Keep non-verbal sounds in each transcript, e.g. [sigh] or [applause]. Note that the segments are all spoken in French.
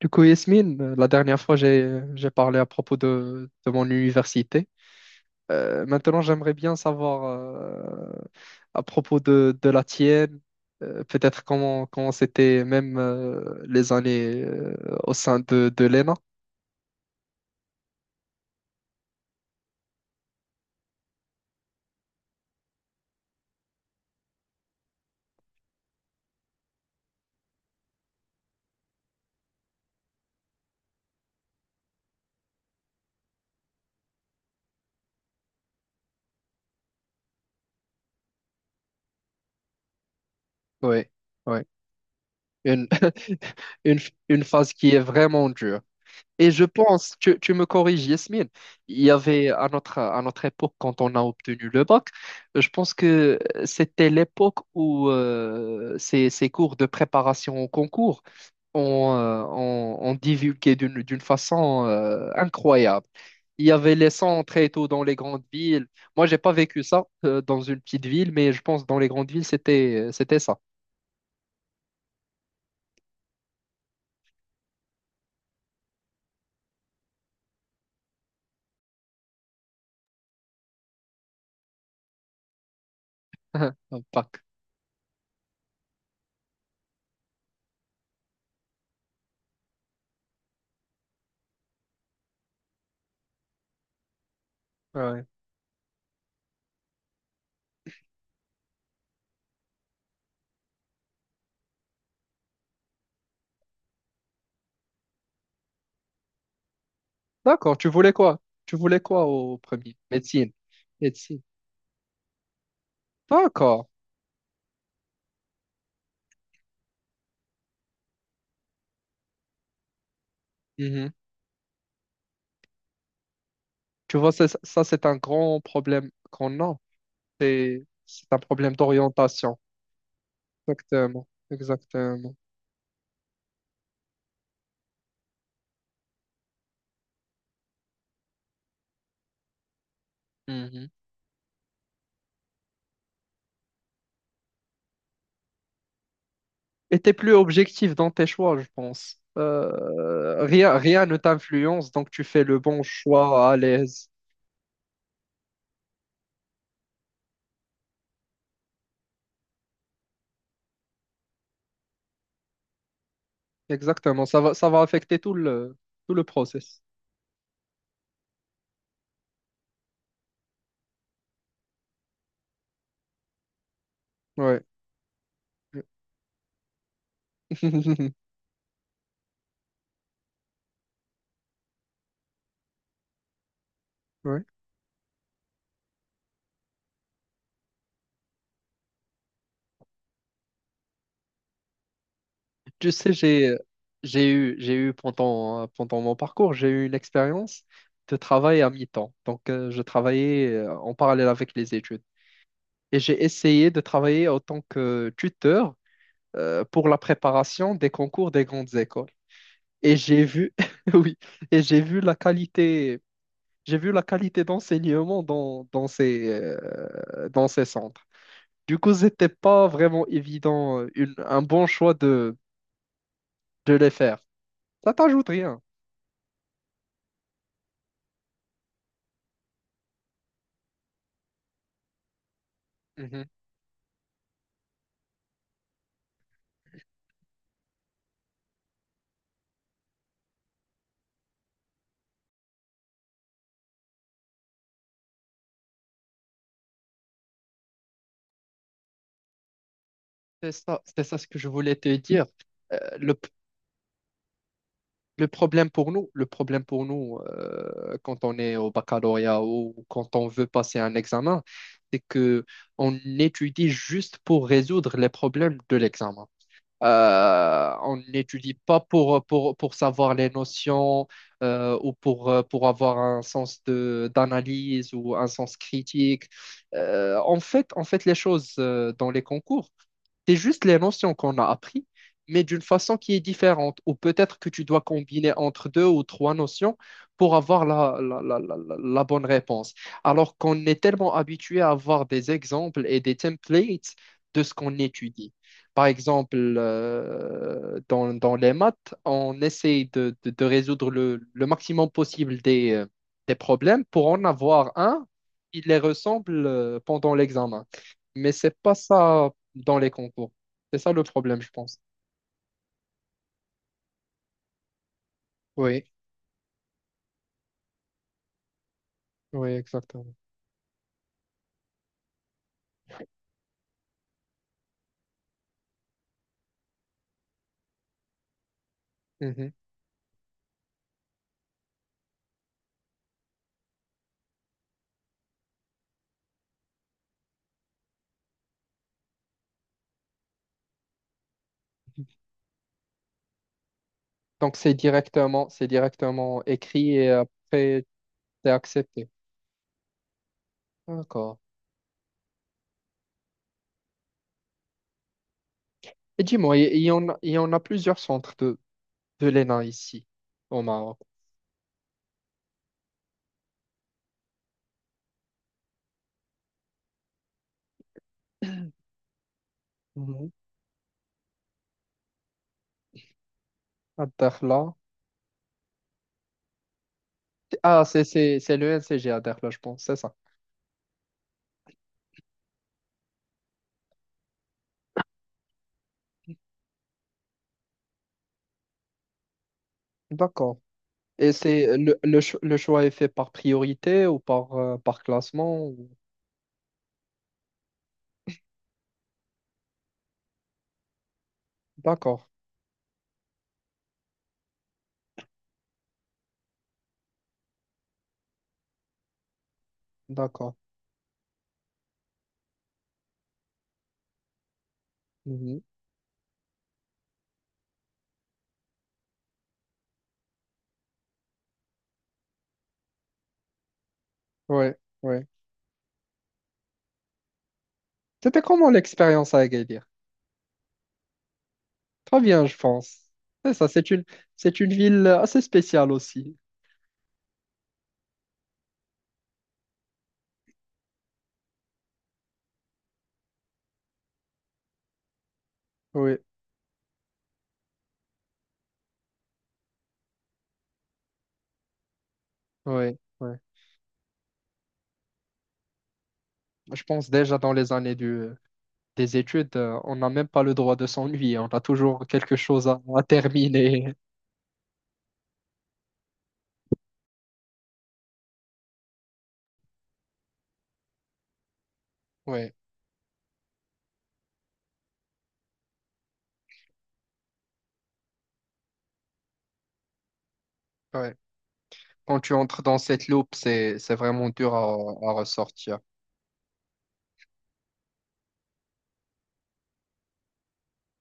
Du coup, Yasmine, la dernière fois, j'ai parlé à propos de mon université. Maintenant, j'aimerais bien savoir à propos de la tienne, peut-être comment c'était même les années au sein de l'ENA. Oui, oui. Une, [laughs] une, une phase qui est vraiment dure. Et je pense, tu me corriges, Yasmine, il y avait à à notre époque, quand on a obtenu le bac, je pense que c'était l'époque où ces cours de préparation au concours, ont divulgué d'une façon incroyable. Il y avait les sons très tôt dans les grandes villes. Moi, j'ai pas vécu ça dans une petite ville, mais je pense que dans les grandes villes, c'était c'était ça. [laughs] Un Bac. Ouais, ouais. D'accord, tu voulais quoi? Tu voulais quoi au premier? Médecine. Médecine. D'accord. Mhm. Tu vois, ça, c'est un grand problème qu'on a. C'est un problème d'orientation. Exactement, exactement. Mhm. Et t'es plus objectif dans tes choix, je pense. Rien ne t'influence, donc tu fais le bon choix à l'aise. Exactement, ça va affecter tout tout le process. Ouais. [laughs] Ouais. Tu sais, j'ai eu pendant mon parcours, j'ai eu une expérience de travail à mi-temps. Donc, je travaillais en parallèle avec les études. Et j'ai essayé de travailler en tant que tuteur pour la préparation des concours des grandes écoles. Et j'ai vu, [laughs] oui, et j'ai vu la qualité, j'ai vu la qualité d'enseignement dans dans ces centres. Du coup, c'était pas vraiment évident, un bon choix de les faire. Ça t'ajoute rien. Mhm. C'est ça ce que je voulais te dire. Euh, le Le problème pour nous, le problème pour nous quand on est au baccalauréat ou quand on veut passer un examen, c'est que on étudie juste pour résoudre les problèmes de l'examen. On n'étudie pas pour savoir les notions ou pour avoir un sens d'analyse ou un sens critique. On fait les choses dans les concours c'est juste les notions qu'on a appris, mais d'une façon qui est différente. Ou peut-être que tu dois combiner entre deux ou trois notions pour avoir la bonne réponse. Alors qu'on est tellement habitué à avoir des exemples et des templates de ce qu'on étudie. Par exemple, dans les maths, on essaye de résoudre le maximum possible des problèmes pour en avoir un qui les ressemble pendant l'examen. Mais c'est pas ça dans les concours. C'est ça le problème, je pense. Oui, oui, exactement. Mhm. Donc c'est directement écrit et après c'est accepté. D'accord. Et dis-moi, il y en a plusieurs centres de l'ENA ici, au Maroc. Mhm. À Dakhla. Ah, c'est le NCG à Dakhla, je pense, c'est ça. D'accord. Et c'est le choix est fait par priorité ou par, par classement ou- D'accord, d'accord. Mhm. Ouais, ouais. C'était comment l'expérience à Agadir? Très bien, je pense. C'est ça, c'est une ville assez spéciale aussi. Oui, oui, oui. Je pense déjà dans les années des études, on n'a même pas le droit de s'ennuyer. On a toujours quelque chose à terminer. [laughs] Oui, oui. Quand tu entres dans cette loupe, c'est vraiment dur à ressortir.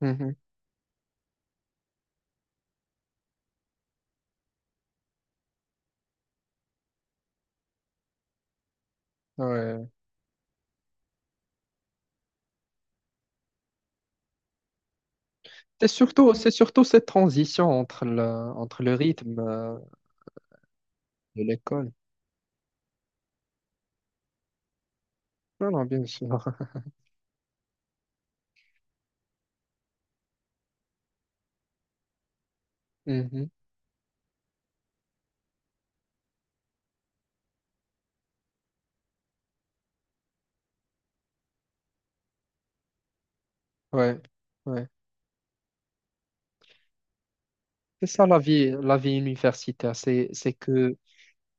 Mhm, ouais. C'est surtout cette transition entre entre le rythme de l'école. Non, non, bien sûr. [laughs] Mhm, ouais, ouais. C'est ça la vie universitaire, c'est c'est que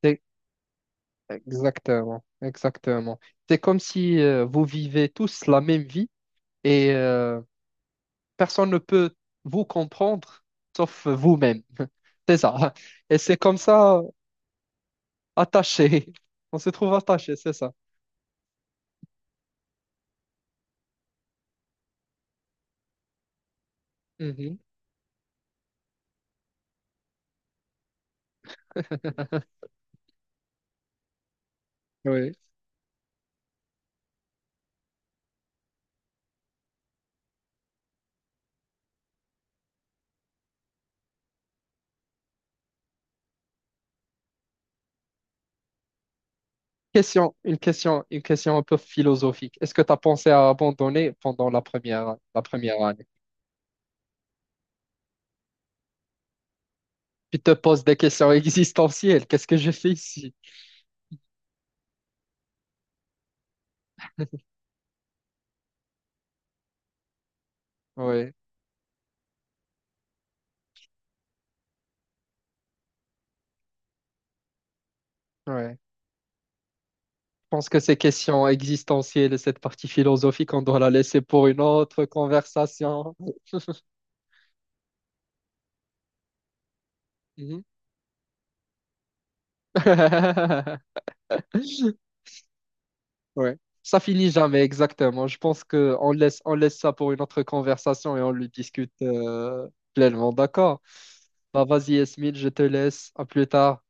c'est exactement, exactement. C'est comme si vous vivez tous la même vie et personne ne peut vous comprendre sauf vous-même. [laughs] C'est ça. Et c'est comme ça attaché. [laughs] On se trouve attaché, c'est ça. Mhm. [laughs] Oui. Question, une question, une question un peu philosophique. Est-ce que tu as pensé à abandonner pendant la première année? Tu te poses des questions [laughs] existentielles. Qu'est-ce que je fais ici? Oui, ouais. Je pense que ces questions existentielles et cette partie philosophique, on doit la laisser pour une autre conversation. Mhm. [laughs] Ouais. Ça finit jamais, exactement. Je pense que on laisse ça pour une autre conversation et on le discute pleinement. D'accord. Bah, vas-y, Esmil, je te laisse. À plus tard.